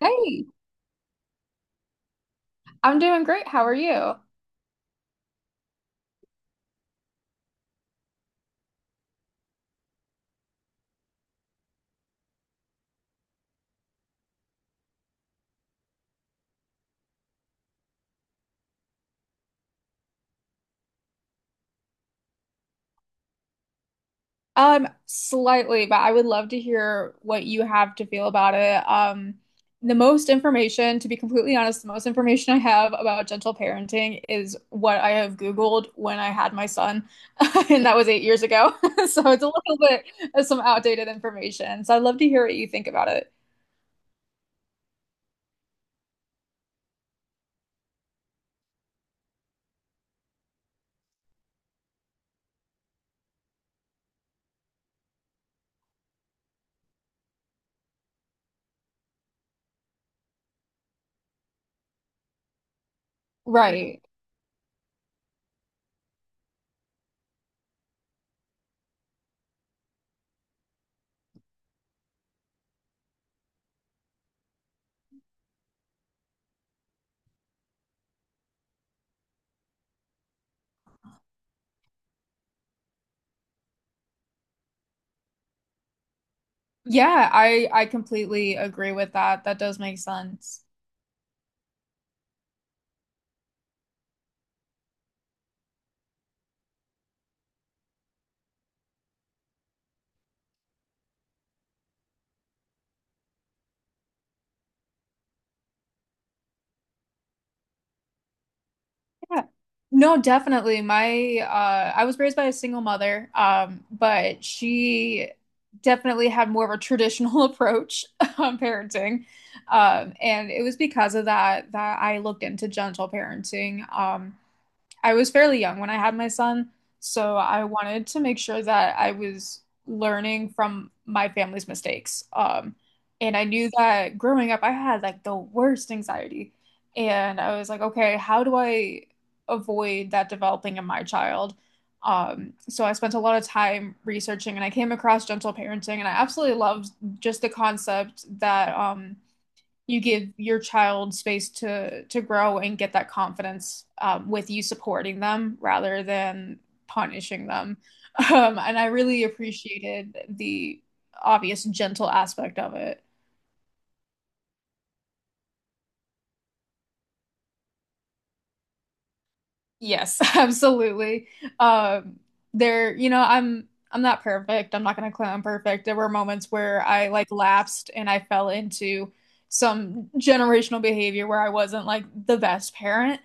Hey, I'm doing great. How are you? Slightly, but I would love to hear what you have to feel about it. The most information, to be completely honest, the most information I have about gentle parenting is what I have Googled when I had my son, and that was 8 years ago. So it's a little bit of some outdated information. So I'd love to hear what you think about it. Right. Yeah, I completely agree with that. That does make sense. Yeah. No, definitely. My I was raised by a single mother, but she definitely had more of a traditional approach on parenting. And it was because of that I looked into gentle parenting. I was fairly young when I had my son, so I wanted to make sure that I was learning from my family's mistakes. And I knew that growing up, I had like the worst anxiety. And I was like, okay, how do I avoid that developing in my child? So I spent a lot of time researching and I came across gentle parenting and I absolutely loved just the concept that you give your child space to grow and get that confidence with you supporting them rather than punishing them. And I really appreciated the obvious gentle aspect of it. Yes, absolutely. Um, there, you know, I'm not perfect. I'm not gonna claim I'm perfect. There were moments where I like lapsed and I fell into some generational behavior where I wasn't like the best parent.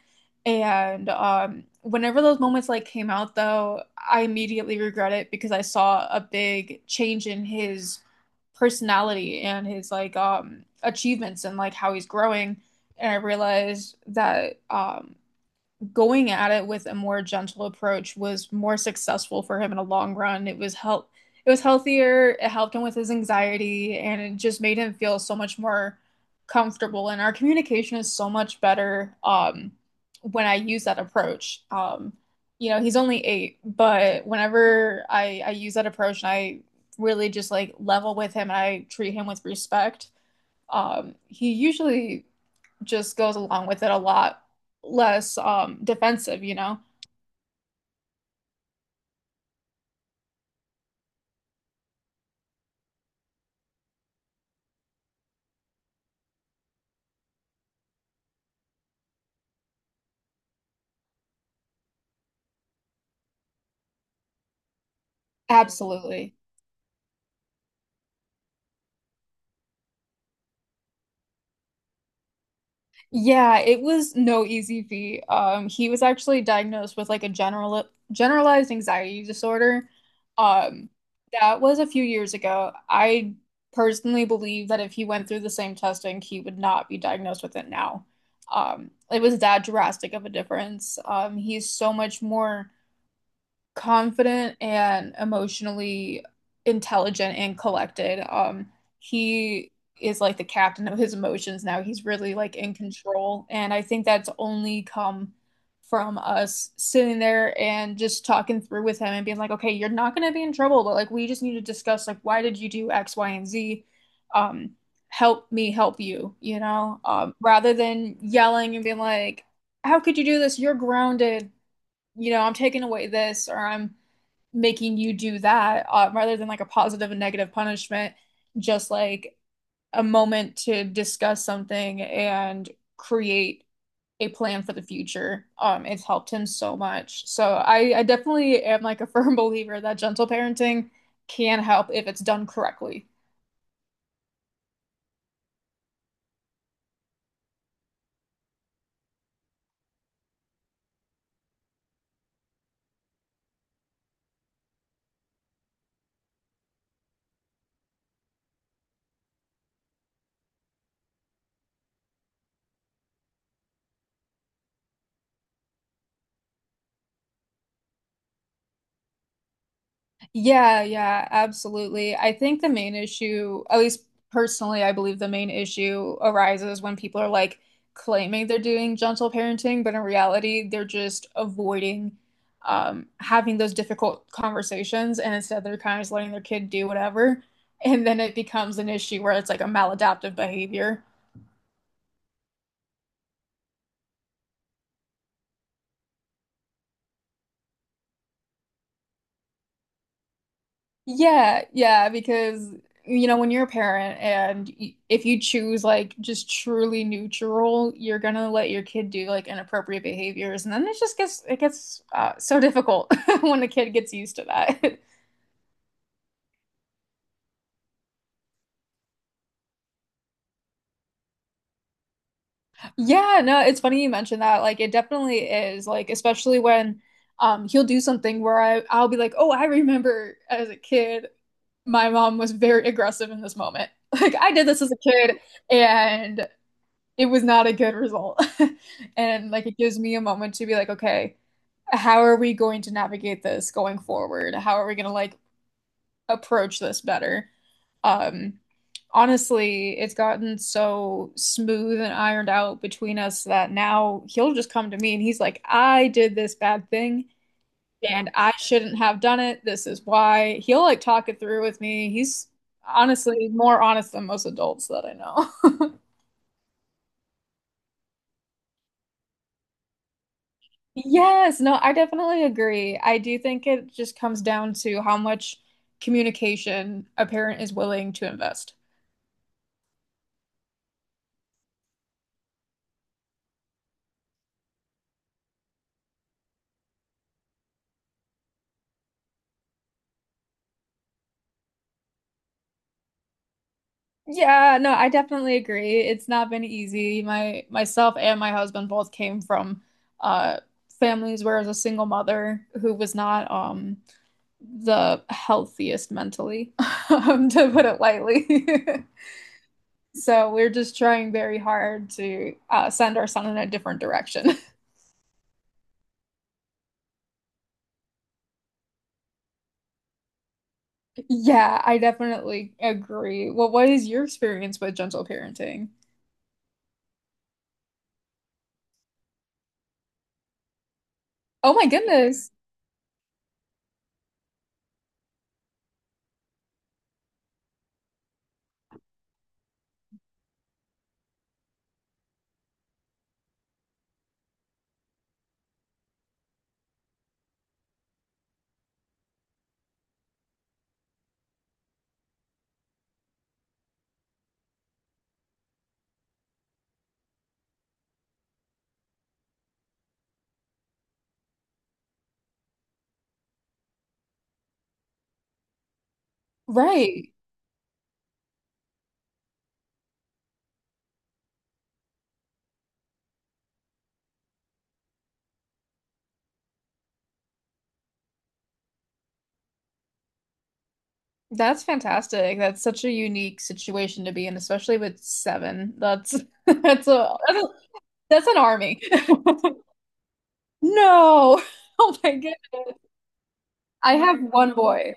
And whenever those moments like came out though, I immediately regret it because I saw a big change in his personality and his like achievements and like how he's growing. And I realized that going at it with a more gentle approach was more successful for him in the long run. It was healthier, it helped him with his anxiety and it just made him feel so much more comfortable and our communication is so much better when I use that approach. You know, he's only 8, but whenever I use that approach and I really just like level with him and I treat him with respect, he usually just goes along with it a lot less defensive, you know? Absolutely. Yeah, it was no easy feat. He was actually diagnosed with like a generalized anxiety disorder. Um, that was a few years ago. I personally believe that if he went through the same testing, he would not be diagnosed with it now. It was that drastic of a difference. He's so much more confident and emotionally intelligent and collected. He is like the captain of his emotions now. He's really like in control. And I think that's only come from us sitting there and just talking through with him and being like, okay, you're not going to be in trouble, but like we just need to discuss like why did you do X, Y, and Z? Um, Help me help you, you know? Rather than yelling and being like, how could you do this? You're grounded. You know, I'm taking away this or I'm making you do that, rather than like a positive and negative punishment, just like a moment to discuss something and create a plan for the future. It's helped him so much. So I definitely am like a firm believer that gentle parenting can help if it's done correctly. Yeah, yeah, absolutely. I think the main issue, at least personally, I believe the main issue arises when people are like claiming they're doing gentle parenting, but in reality, they're just avoiding having those difficult conversations, and instead they're kind of just letting their kid do whatever. And then it becomes an issue where it's like a maladaptive behavior. Yeah, yeah, because you know when you're a parent and y if you choose like just truly neutral, you're gonna let your kid do like inappropriate behaviors, and then it just gets so difficult when the kid gets used to that. Yeah, no, it's funny you mentioned that. Like it definitely is. Like especially when he'll do something where I'll be like, "Oh, I remember as a kid, my mom was very aggressive in this moment. Like I did this as a kid." And it was not a good result. And like it gives me a moment to be like, okay, how are we going to navigate this going forward? How are we going to like approach this better? Um, Honestly, it's gotten so smooth and ironed out between us that now he'll just come to me and he's like, I did this bad thing. Yeah. And I shouldn't have done it. This is why. He'll like talk it through with me. He's honestly more honest than most adults that I know. Yes, no, I definitely agree. I do think it just comes down to how much communication a parent is willing to invest. Yeah, no, I definitely agree. It's not been easy. My Myself and my husband both came from uh families where I was a single mother who was not the healthiest mentally, to put it lightly. So we're just trying very hard to send our son in a different direction. Yeah, I definitely agree. Well, what is your experience with gentle parenting? Oh my goodness. Right. That's fantastic. That's such a unique situation to be in, especially with seven. That's that's a that's, a, that's an army. No. Oh my goodness. I have one boy.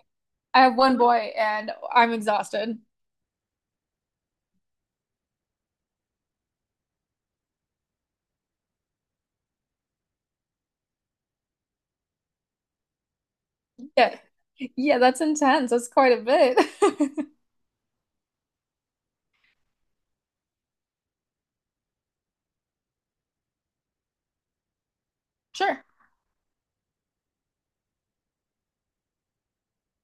I have one boy and I'm exhausted. Yeah. Yeah, that's intense. That's quite a bit. Sure.